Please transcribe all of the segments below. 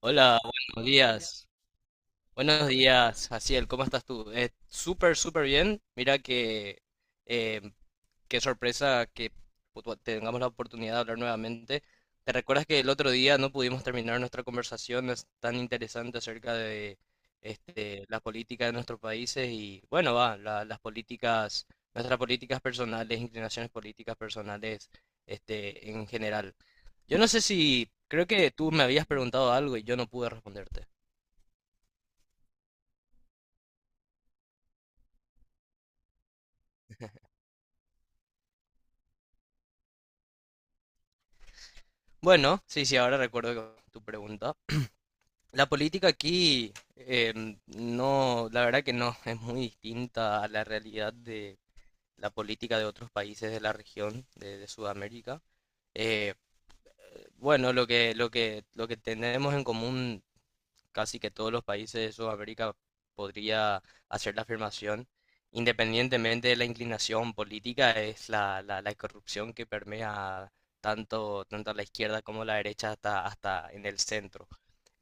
Hola, buenos días. Buenos días, Jaciel, ¿cómo estás tú? Súper, súper bien. Mira que eh, qué sorpresa que tengamos la oportunidad de hablar nuevamente. ¿Te recuerdas que el otro día no pudimos terminar nuestra conversación es tan interesante acerca de la política de nuestros países y, bueno, va, las políticas, nuestras políticas personales, inclinaciones políticas personales, en general? Yo no sé si, creo que tú me habías preguntado algo y yo no pude responderte. Bueno, sí, sí, ahora recuerdo tu pregunta. La política aquí, no, la verdad que no, es muy distinta a la realidad de la política de otros países de la región de Sudamérica. Eh, bueno, lo que tenemos en común casi que todos los países de Sudamérica podría hacer la afirmación, independientemente de la inclinación política, es la corrupción que permea tanto a la izquierda como a la derecha hasta en el centro.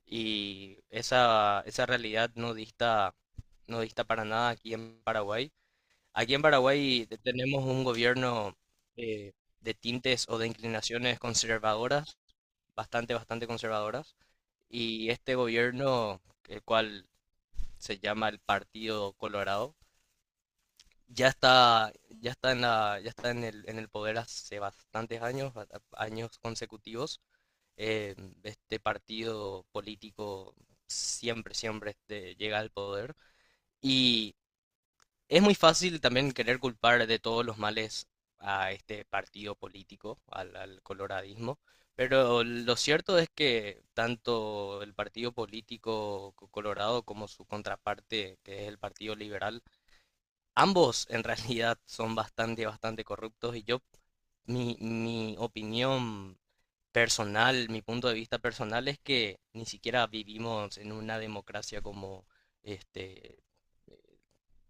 Y esa realidad no dista, no dista para nada aquí en Paraguay. Aquí en Paraguay tenemos un gobierno eh, de tintes o de inclinaciones conservadoras, bastante conservadoras. Y este gobierno, el cual se llama el Partido Colorado, ya está, ya está en en el poder hace bastantes años, años consecutivos, eh, este partido político siempre llega al poder. Y es muy fácil también querer culpar de todos los males a este partido político, al coloradismo. Pero lo cierto es que tanto el partido político colorado como su contraparte, que es el partido liberal, ambos en realidad son bastante corruptos y yo, mi opinión personal, mi punto de vista personal es que ni siquiera vivimos en una democracia como este, eh,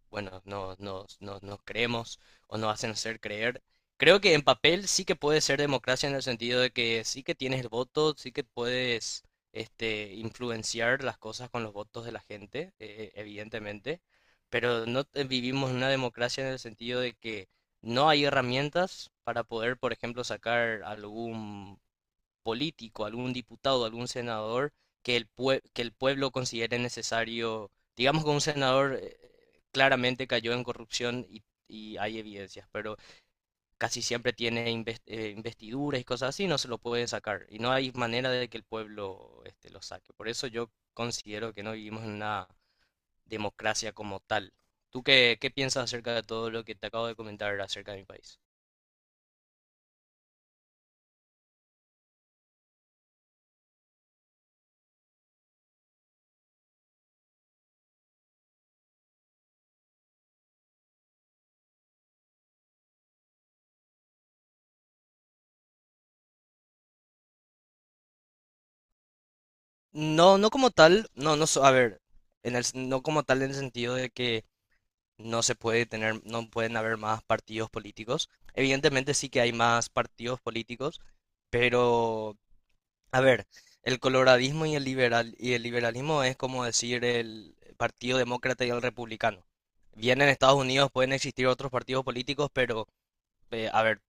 bueno, nos creemos o nos hacen hacer creer. Creo que en papel sí que puede ser democracia en el sentido de que sí que tienes el voto, sí que puedes influenciar las cosas con los votos de la gente, evidentemente, pero no vivimos en una democracia en el sentido de que no hay herramientas para poder, por ejemplo, sacar algún político, algún diputado, algún senador que que el pueblo considere necesario. Digamos que un senador claramente cayó en corrupción y hay evidencias, pero casi siempre tiene investiduras y cosas así, no se lo pueden sacar. Y no hay manera de que el pueblo lo saque. Por eso yo considero que no vivimos en una democracia como tal. ¿Tú qué, qué piensas acerca de todo lo que te acabo de comentar acerca de mi país? No, no como tal, no, no, so- a ver, en no como tal en el sentido de que no se puede tener, no pueden haber más partidos políticos. Evidentemente sí que hay más partidos políticos, pero a ver, el coloradismo y el liberal y el liberalismo es como decir el Partido Demócrata y el Republicano. Bien en Estados Unidos pueden existir otros partidos políticos, pero a ver,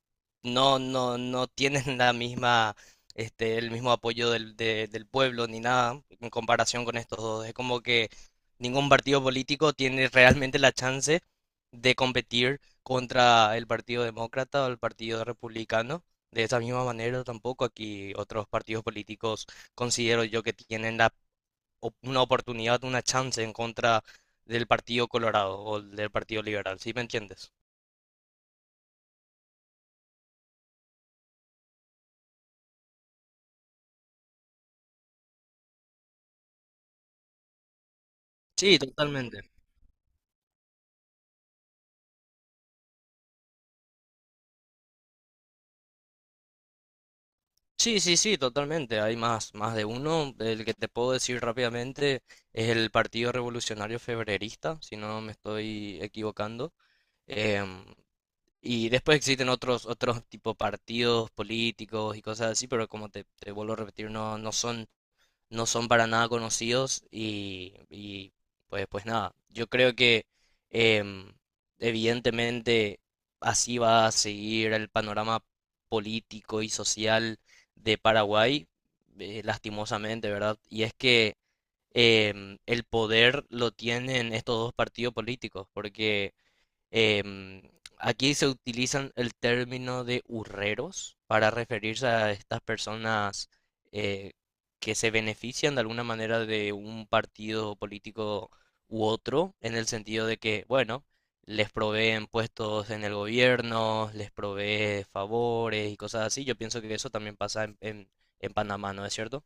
no tienen la misma, el mismo apoyo del, del pueblo ni nada en comparación con estos dos. Es como que ningún partido político tiene realmente la chance de competir contra el Partido Demócrata o el Partido Republicano. De esa misma manera, tampoco aquí otros partidos políticos considero yo que tienen una oportunidad, una chance en contra del Partido Colorado o del Partido Liberal. ¿Sí me entiendes? Sí, totalmente. Sí, sí, sí, totalmente. Hay más, más de uno. El que te puedo decir rápidamente es el Partido Revolucionario Febrerista, si no me estoy equivocando. Em, y después existen otros, otros tipo partidos políticos y cosas así, pero como te vuelvo a repetir, no, no son no son para nada conocidos y, pues, pues nada, yo creo que em, evidentemente así va a seguir el panorama político y social de Paraguay, lastimosamente, ¿verdad? Y es que el poder lo tienen estos dos partidos políticos, porque Em, aquí se utilizan el término de urreros para referirse a estas personas eh, que se benefician de alguna manera de un partido político u otro, en el sentido de que, bueno, les proveen puestos en el gobierno, les provee favores y cosas así. Yo pienso que eso también pasa en Panamá, ¿no es cierto?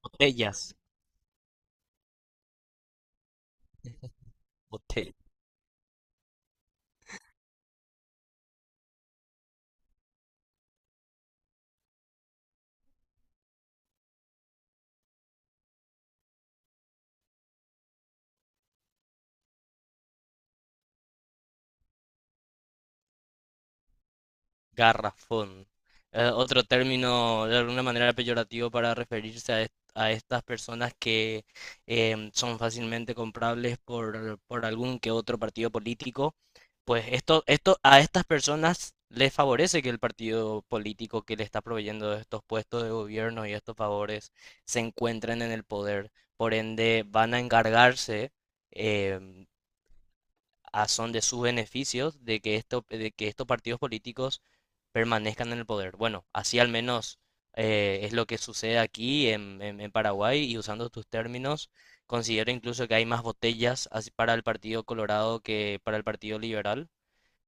Botellas, garrafón. Otro término de alguna manera peyorativo para referirse a, a estas personas que son fácilmente comprables por algún que otro partido político. Pues esto a estas personas les favorece que el partido político que le está proveyendo de estos puestos de gobierno y estos favores se encuentren en el poder. Por ende, van a encargarse em, a son de sus beneficios de que, esto, de que estos partidos políticos permanezcan en el poder. Bueno, así al menos es lo que sucede aquí en, en Paraguay y usando tus términos, considero incluso que hay más botellas así para el Partido Colorado que para el Partido Liberal,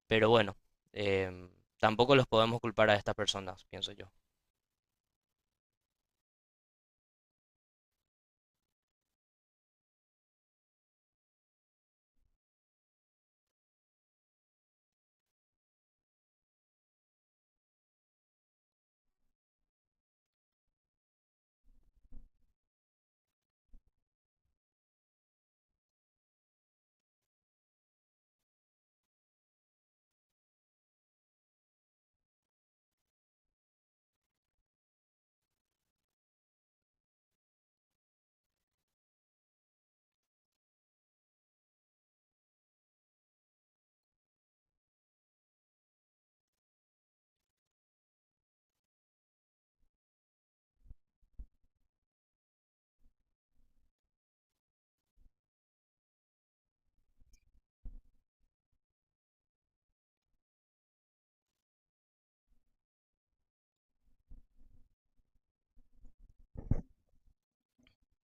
pero bueno, em, tampoco los podemos culpar a estas personas, pienso yo.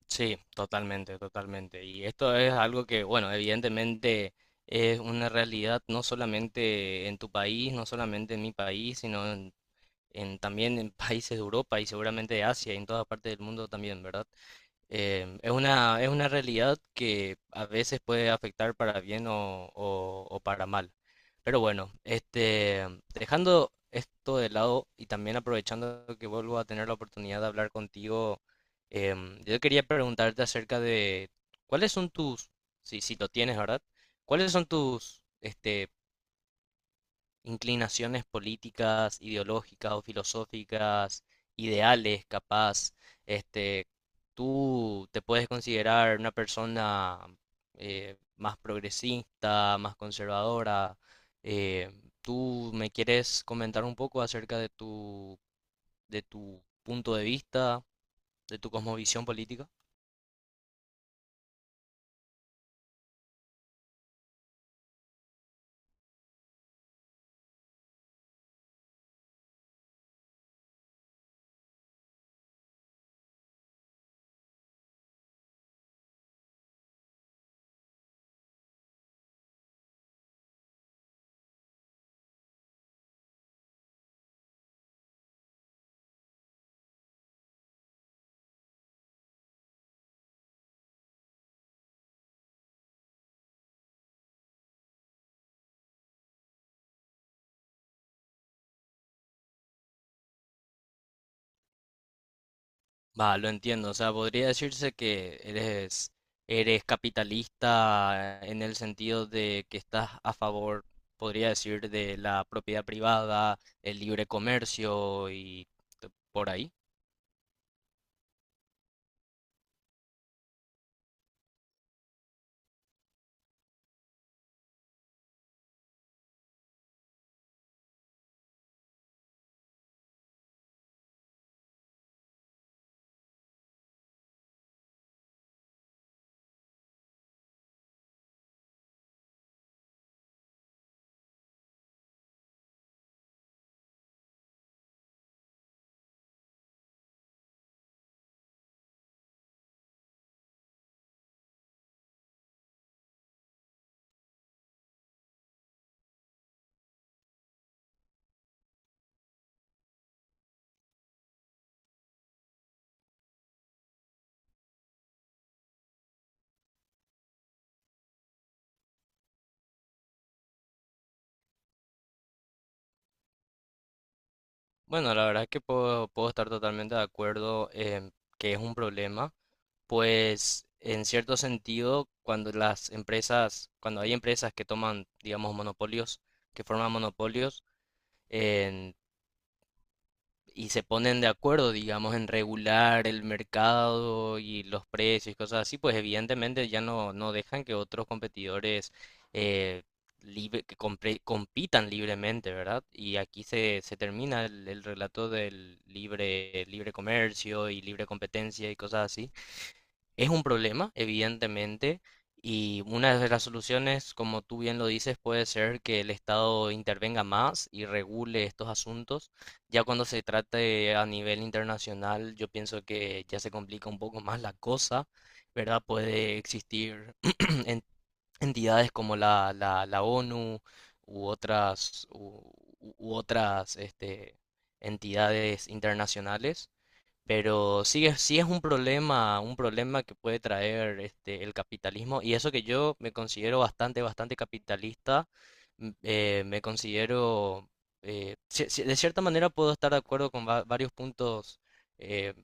Sí, totalmente, totalmente. Y esto es algo que, bueno, evidentemente es una realidad no solamente en tu país, no solamente en mi país, sino en también en países de Europa y seguramente de Asia y en todas partes del mundo también, ¿verdad? Es una, es una realidad que a veces puede afectar para bien o, o para mal. Pero bueno, dejando esto de lado y también aprovechando que vuelvo a tener la oportunidad de hablar contigo, yo quería preguntarte acerca de cuáles son tus, si, si lo tienes, ¿verdad? ¿Cuáles son tus, inclinaciones políticas, ideológicas o filosóficas, ideales, capaz, este, tú te puedes considerar una persona más progresista, más conservadora? eh, ¿Tú me quieres comentar un poco acerca de tu punto de vista, de tu cosmovisión política? Va, lo entiendo. O sea, podría decirse que eres, eres capitalista en el sentido de que estás a favor, podría decir, de la propiedad privada, el libre comercio y por ahí. Bueno, la verdad es que puedo, puedo estar totalmente de acuerdo en que es un problema, pues en cierto sentido, cuando las empresas, cuando hay empresas que toman, digamos, monopolios, que forman monopolios, y se ponen de acuerdo, digamos, en regular el mercado y los precios y cosas así, pues evidentemente ya no, no dejan que otros competidores eh, compitan libremente, ¿verdad? Y aquí se, se termina el relato del libre comercio y libre competencia y cosas así. Es un problema, evidentemente, y una de las soluciones, como tú bien lo dices, puede ser que el Estado intervenga más y regule estos asuntos. Ya cuando se trate a nivel internacional, yo pienso que ya se complica un poco más la cosa, ¿verdad? Puede existir en- entidades como la ONU u otras, u otras entidades internacionales, pero sí es un problema que puede traer el capitalismo. Y eso que yo me considero bastante capitalista, me considero, de cierta manera puedo estar de acuerdo con varios puntos eh,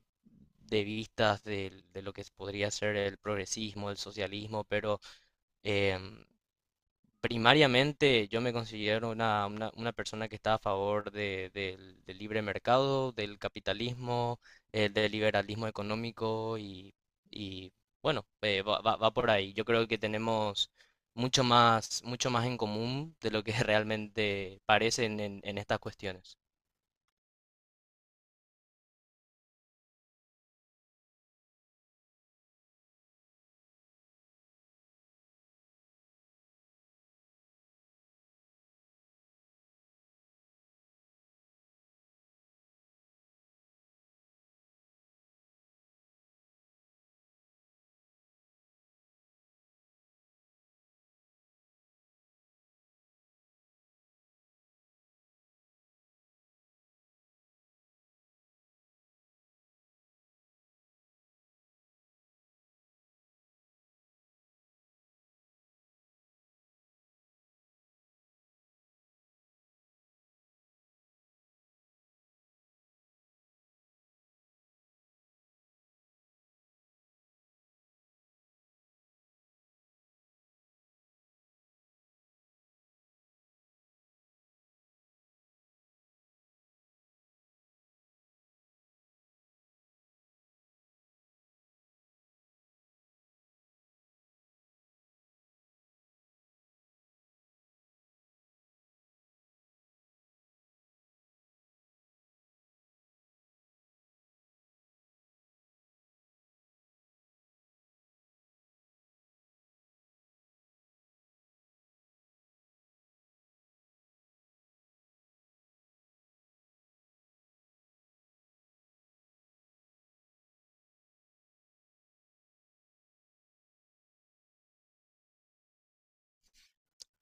de vistas lo que podría ser el progresismo, el socialismo, pero em, primariamente yo me considero una, una persona que está a favor del libre mercado, del capitalismo, del liberalismo económico y, bueno, va por ahí. Yo creo que tenemos mucho más en común de lo que realmente parece en en estas cuestiones.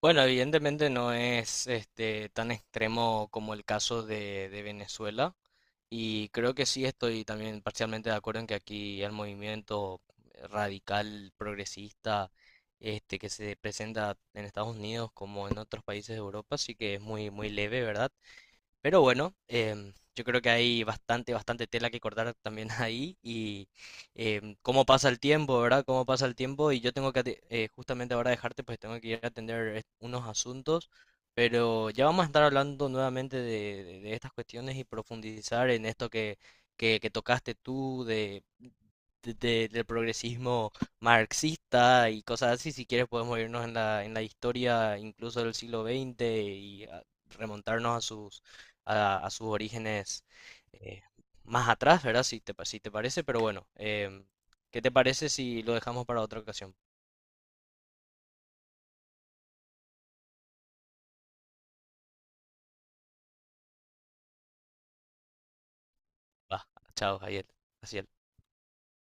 Bueno, evidentemente no es este tan extremo como el caso de Venezuela y creo que sí estoy también parcialmente de acuerdo en que aquí el movimiento radical progresista este que se presenta en Estados Unidos como en otros países de Europa sí que es muy muy leve, ¿verdad? Pero bueno, yo creo que hay bastante, bastante tela que cortar también ahí y cómo pasa el tiempo, ¿verdad? Cómo pasa el tiempo y yo tengo que justamente ahora dejarte, pues tengo que ir a atender unos asuntos, pero ya vamos a estar hablando nuevamente de, de estas cuestiones y profundizar en esto que tocaste tú de, del progresismo marxista y cosas así. Si quieres podemos irnos en la historia incluso del siglo XX y remontarnos a sus orígenes eh, más atrás, ¿verdad? Si si te parece, pero bueno, ¿qué te parece si lo dejamos para otra ocasión? Va, chao, Javier. Así